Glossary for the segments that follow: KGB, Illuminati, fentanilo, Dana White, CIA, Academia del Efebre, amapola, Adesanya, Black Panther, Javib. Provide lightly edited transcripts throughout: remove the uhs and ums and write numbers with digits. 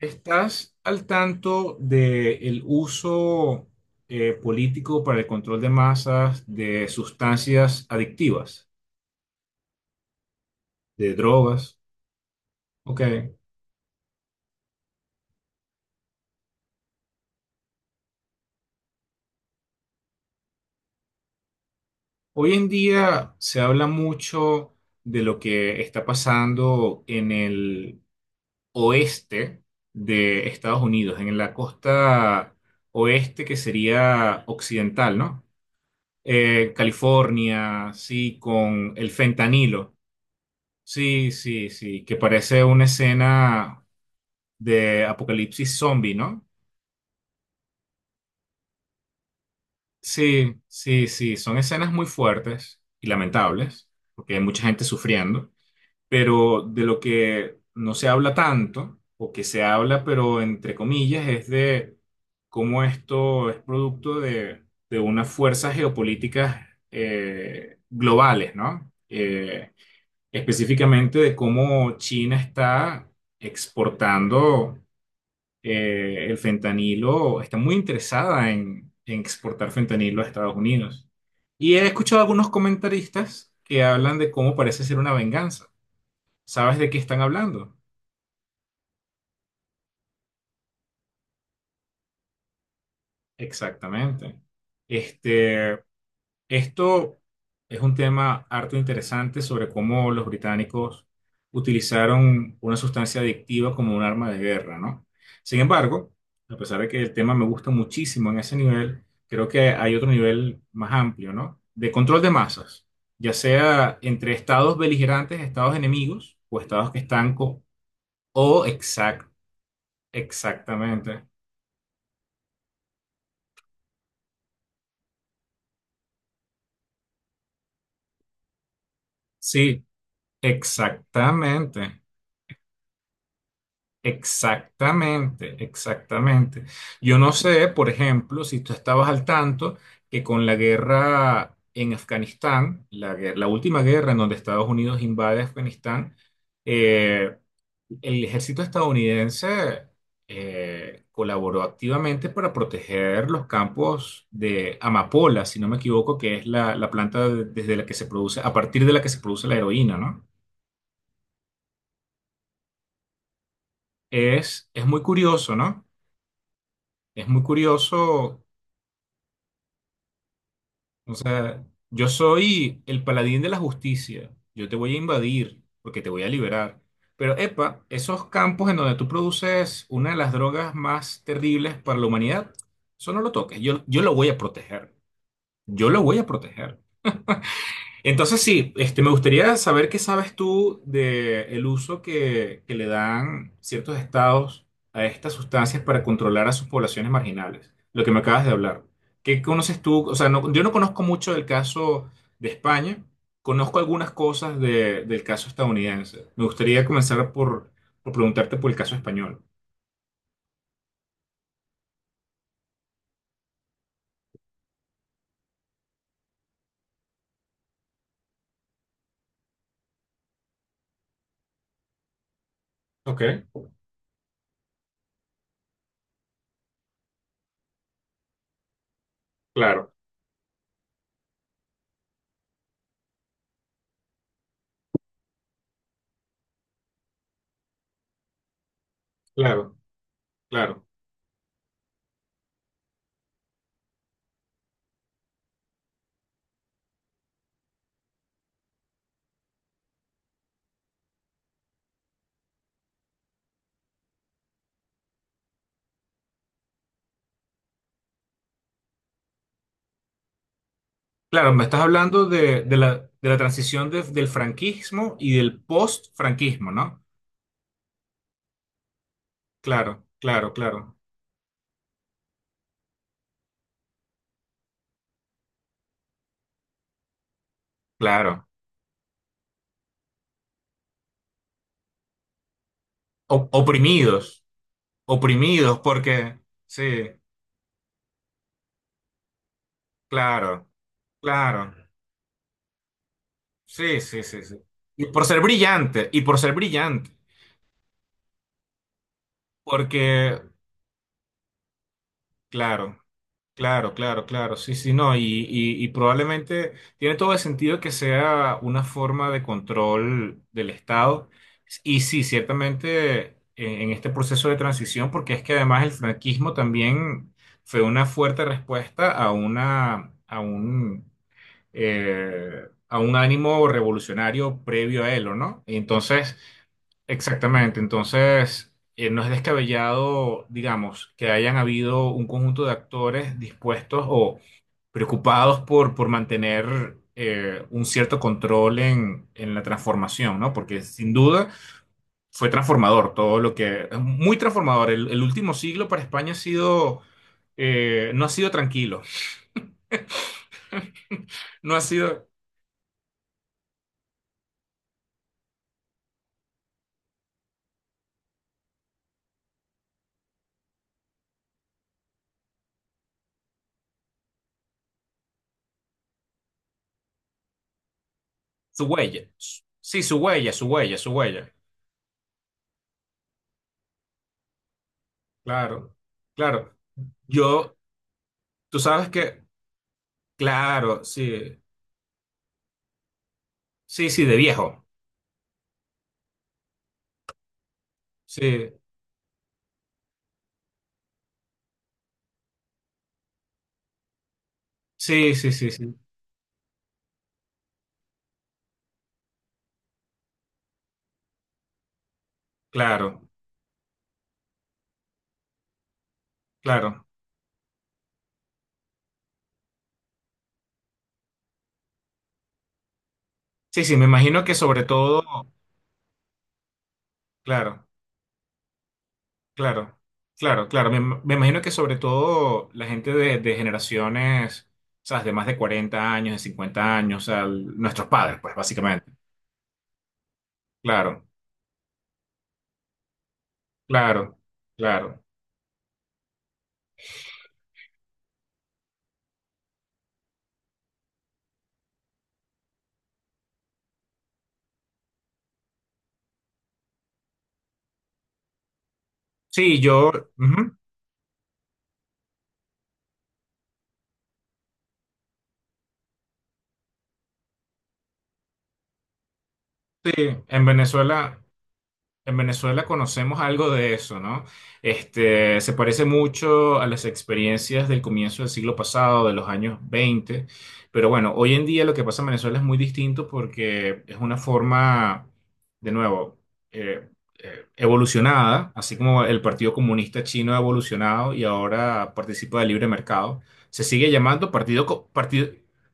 ¿Estás al tanto del uso político para el control de masas de sustancias adictivas, de drogas? Ok. Hoy en día se habla mucho de lo que está pasando en el oeste de Estados Unidos, en la costa oeste que sería occidental, ¿no? California, sí, con el fentanilo. Sí, sí, sí, que parece una escena de apocalipsis zombie, ¿no? Sí, sí, sí, son escenas muy fuertes y lamentables, porque hay mucha gente sufriendo, pero de lo que no se habla tanto, o que se habla, pero entre comillas, es de cómo esto es producto de unas fuerzas geopolíticas globales, ¿no? Específicamente de cómo China está exportando el fentanilo, está muy interesada en exportar fentanilo a Estados Unidos. Y he escuchado algunos comentaristas que hablan de cómo parece ser una venganza. ¿Sabes de qué están hablando? Exactamente. Este, Esto es un tema harto interesante sobre cómo los británicos utilizaron una sustancia adictiva como un arma de guerra, ¿no? Sin embargo, a pesar de que el tema me gusta muchísimo en ese nivel, creo que hay otro nivel más amplio, ¿no? De control de masas, ya sea entre estados beligerantes, estados enemigos o estados que están o exact, exactamente. Sí, exactamente. Exactamente, exactamente. Yo no sé, por ejemplo, si tú estabas al tanto que con la guerra en Afganistán, la última guerra en donde Estados Unidos invade Afganistán, eh, el ejército estadounidense colaboró activamente para proteger los campos de amapola, si no me equivoco, que es la planta desde la que se produce, a partir de la que se produce la heroína, ¿no? Es muy curioso, ¿no? Es muy curioso. O sea, yo soy el paladín de la justicia. Yo te voy a invadir porque te voy a liberar. Pero, epa, esos campos en donde tú produces una de las drogas más terribles para la humanidad, eso no lo toques. Yo lo voy a proteger. Yo lo voy a proteger. Entonces sí, este, me gustaría saber qué sabes tú del uso que le dan ciertos estados a estas sustancias para controlar a sus poblaciones marginales, lo que me acabas de hablar. ¿Qué conoces tú? O sea, no- yo no conozco mucho del caso de España, conozco algunas cosas del caso estadounidense. Me gustaría comenzar por preguntarte por el caso español. Ok, claro, claro, claro. Claro, me estás hablando de la transición del franquismo y del post-franquismo, ¿no? Claro, claro, claro, claro. Oprimidos, oprimidos, porque sí, claro, claro. Sí, sí, sí, sí. Y por ser brillante, y por ser brillante, porque, claro. Claro, claro, claro, sí, sí, no, y, y probablemente tiene todo el sentido que sea una forma de control del Estado. Y sí, ciertamente en este proceso de transición, porque es que además el franquismo también fue una fuerte respuesta a una, a un ánimo revolucionario previo a él, ¿o no? Entonces, exactamente, entonces no es descabellado, digamos, que hayan habido un conjunto de actores dispuestos o preocupados por mantener un cierto control en la transformación, ¿no? Porque sin duda fue transformador, todo lo que, muy transformador. El último siglo para España ha sido, no ha sido tranquilo, no ha sido... Su huella. Sí, su huella, su huella, su huella. Claro, claro. Yo, tú sabes que, claro, sí, sí, sí, de viejo. Sí, sí, sí, sí, sí. Claro, claro. Sí, sí, me imagino que sobre todo, claro, claro, claro, claro. Me imagino que sobre todo la gente de generaciones, o sea, de más de 40 años, de 50 años, o sea, nuestros padres, pues, básicamente. Claro, claro, claro. Sí, yo. Ujú. Sí, en Venezuela, en Venezuela conocemos algo de eso, ¿no? Este, se parece mucho a las experiencias del comienzo del siglo pasado, de los años 20, pero bueno, hoy en día lo que pasa en Venezuela es muy distinto porque es una forma, de nuevo, eh, evolucionada, así como el Partido Comunista Chino ha evolucionado y ahora participa del libre mercado. Se sigue llamando Partido.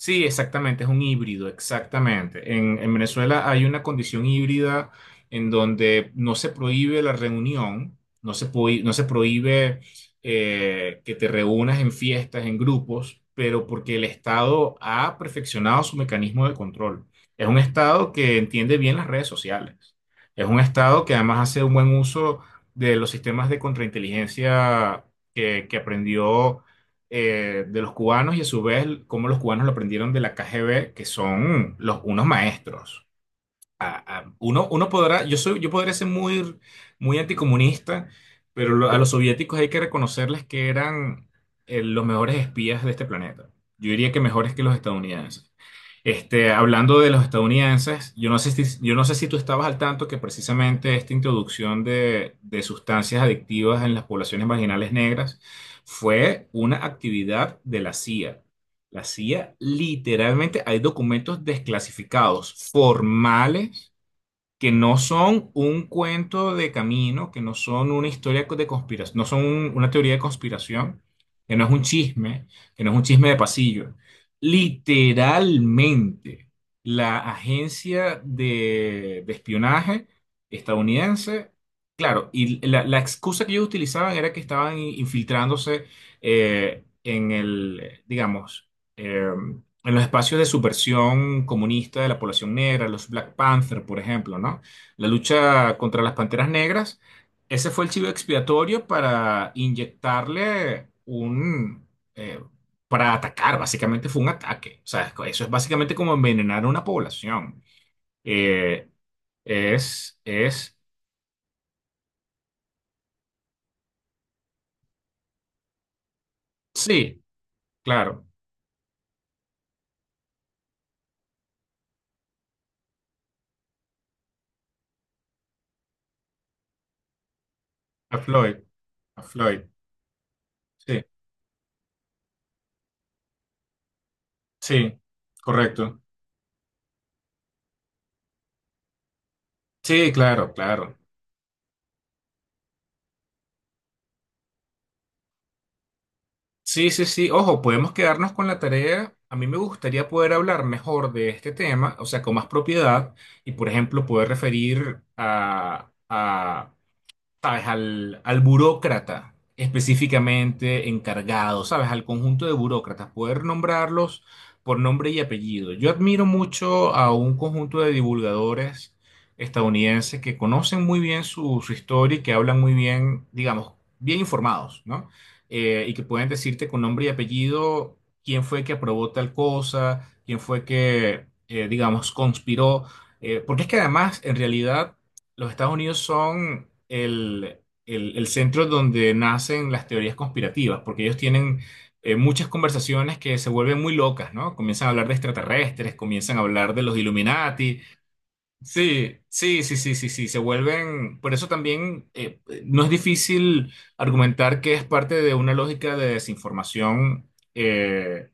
Sí, exactamente, es un híbrido, exactamente. En Venezuela hay una condición híbrida en donde no se prohíbe la reunión, no se prohíbe que te reúnas en fiestas, en grupos, pero porque el Estado ha perfeccionado su mecanismo de control. Es un Estado que entiende bien las redes sociales. Es un Estado que además hace un buen uso de los sistemas de contrainteligencia que aprendió de los cubanos y a su vez cómo los cubanos lo aprendieron de la KGB, que son los, unos maestros. Uno uno podrá, yo soy, yo podría ser muy, muy anticomunista, pero a los soviéticos hay que reconocerles que eran los mejores espías de este planeta. Yo diría que mejores que los estadounidenses. Este, hablando de los estadounidenses, yo no sé si, yo no sé si tú estabas al tanto que precisamente esta introducción de sustancias adictivas en las poblaciones marginales negras fue una actividad de la CIA. La CIA literalmente hay documentos desclasificados formales que no son un cuento de camino, que no son una historia de conspiración, no son una teoría de conspiración, que no es un chisme, que no es un chisme de pasillo. Literalmente, la agencia de espionaje estadounidense, claro, y la excusa que ellos utilizaban era que estaban infiltrándose en el, digamos, em, en los espacios de subversión comunista de la población negra, los Black Panther, por ejemplo, ¿no? La lucha contra las panteras negras, ese fue el chivo expiatorio para inyectarle un... eh, para atacar, básicamente fue un ataque. O sea, eso es básicamente como envenenar a una población. Eh, es, es, sí, claro, a Floyd, a Floyd, sí, sí, correcto. Sí, claro, claro. Sí, sí, sí. Ojo, podemos quedarnos con la tarea. A mí me gustaría poder hablar mejor de este tema, o sea, con más propiedad y, por ejemplo, poder referir a ¿sabes? Al burócrata específicamente encargado, ¿sabes? Al conjunto de burócratas, poder nombrarlos por nombre y apellido. Yo admiro mucho a un conjunto de divulgadores estadounidenses que conocen muy bien su, su historia y que hablan muy bien, digamos, bien informados, ¿no? Y que pueden decirte con nombre y apellido quién fue que aprobó tal cosa, quién fue que, digamos, conspiró. Porque es que además, en realidad, los Estados Unidos son el, el centro donde nacen las teorías conspirativas, porque ellos tienen muchas conversaciones que se vuelven muy locas, ¿no? Comienzan a hablar de extraterrestres, comienzan a hablar de los Illuminati. Sí, sí, sí, sí, sí, sí, se vuelven, por eso también no es difícil argumentar que es parte de una lógica de desinformación, eh,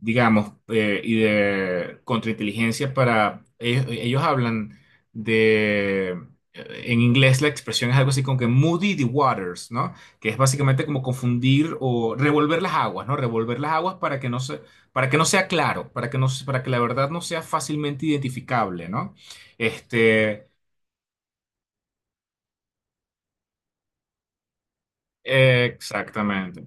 y de contrainteligencia para, ellos hablan de, en inglés la expresión es algo así como que muddy the waters, ¿no? Que es básicamente como confundir o revolver las aguas, ¿no? Revolver las aguas para que no se, para que no sea claro, para que no, para que la verdad no sea fácilmente identificable, ¿no? Este, exactamente,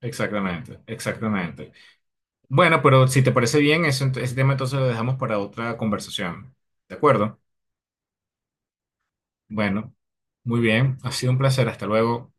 exactamente, exactamente. Bueno, pero si te parece bien, ese tema entonces lo dejamos para otra conversación. ¿De acuerdo? Bueno, muy bien, ha sido un placer, hasta luego.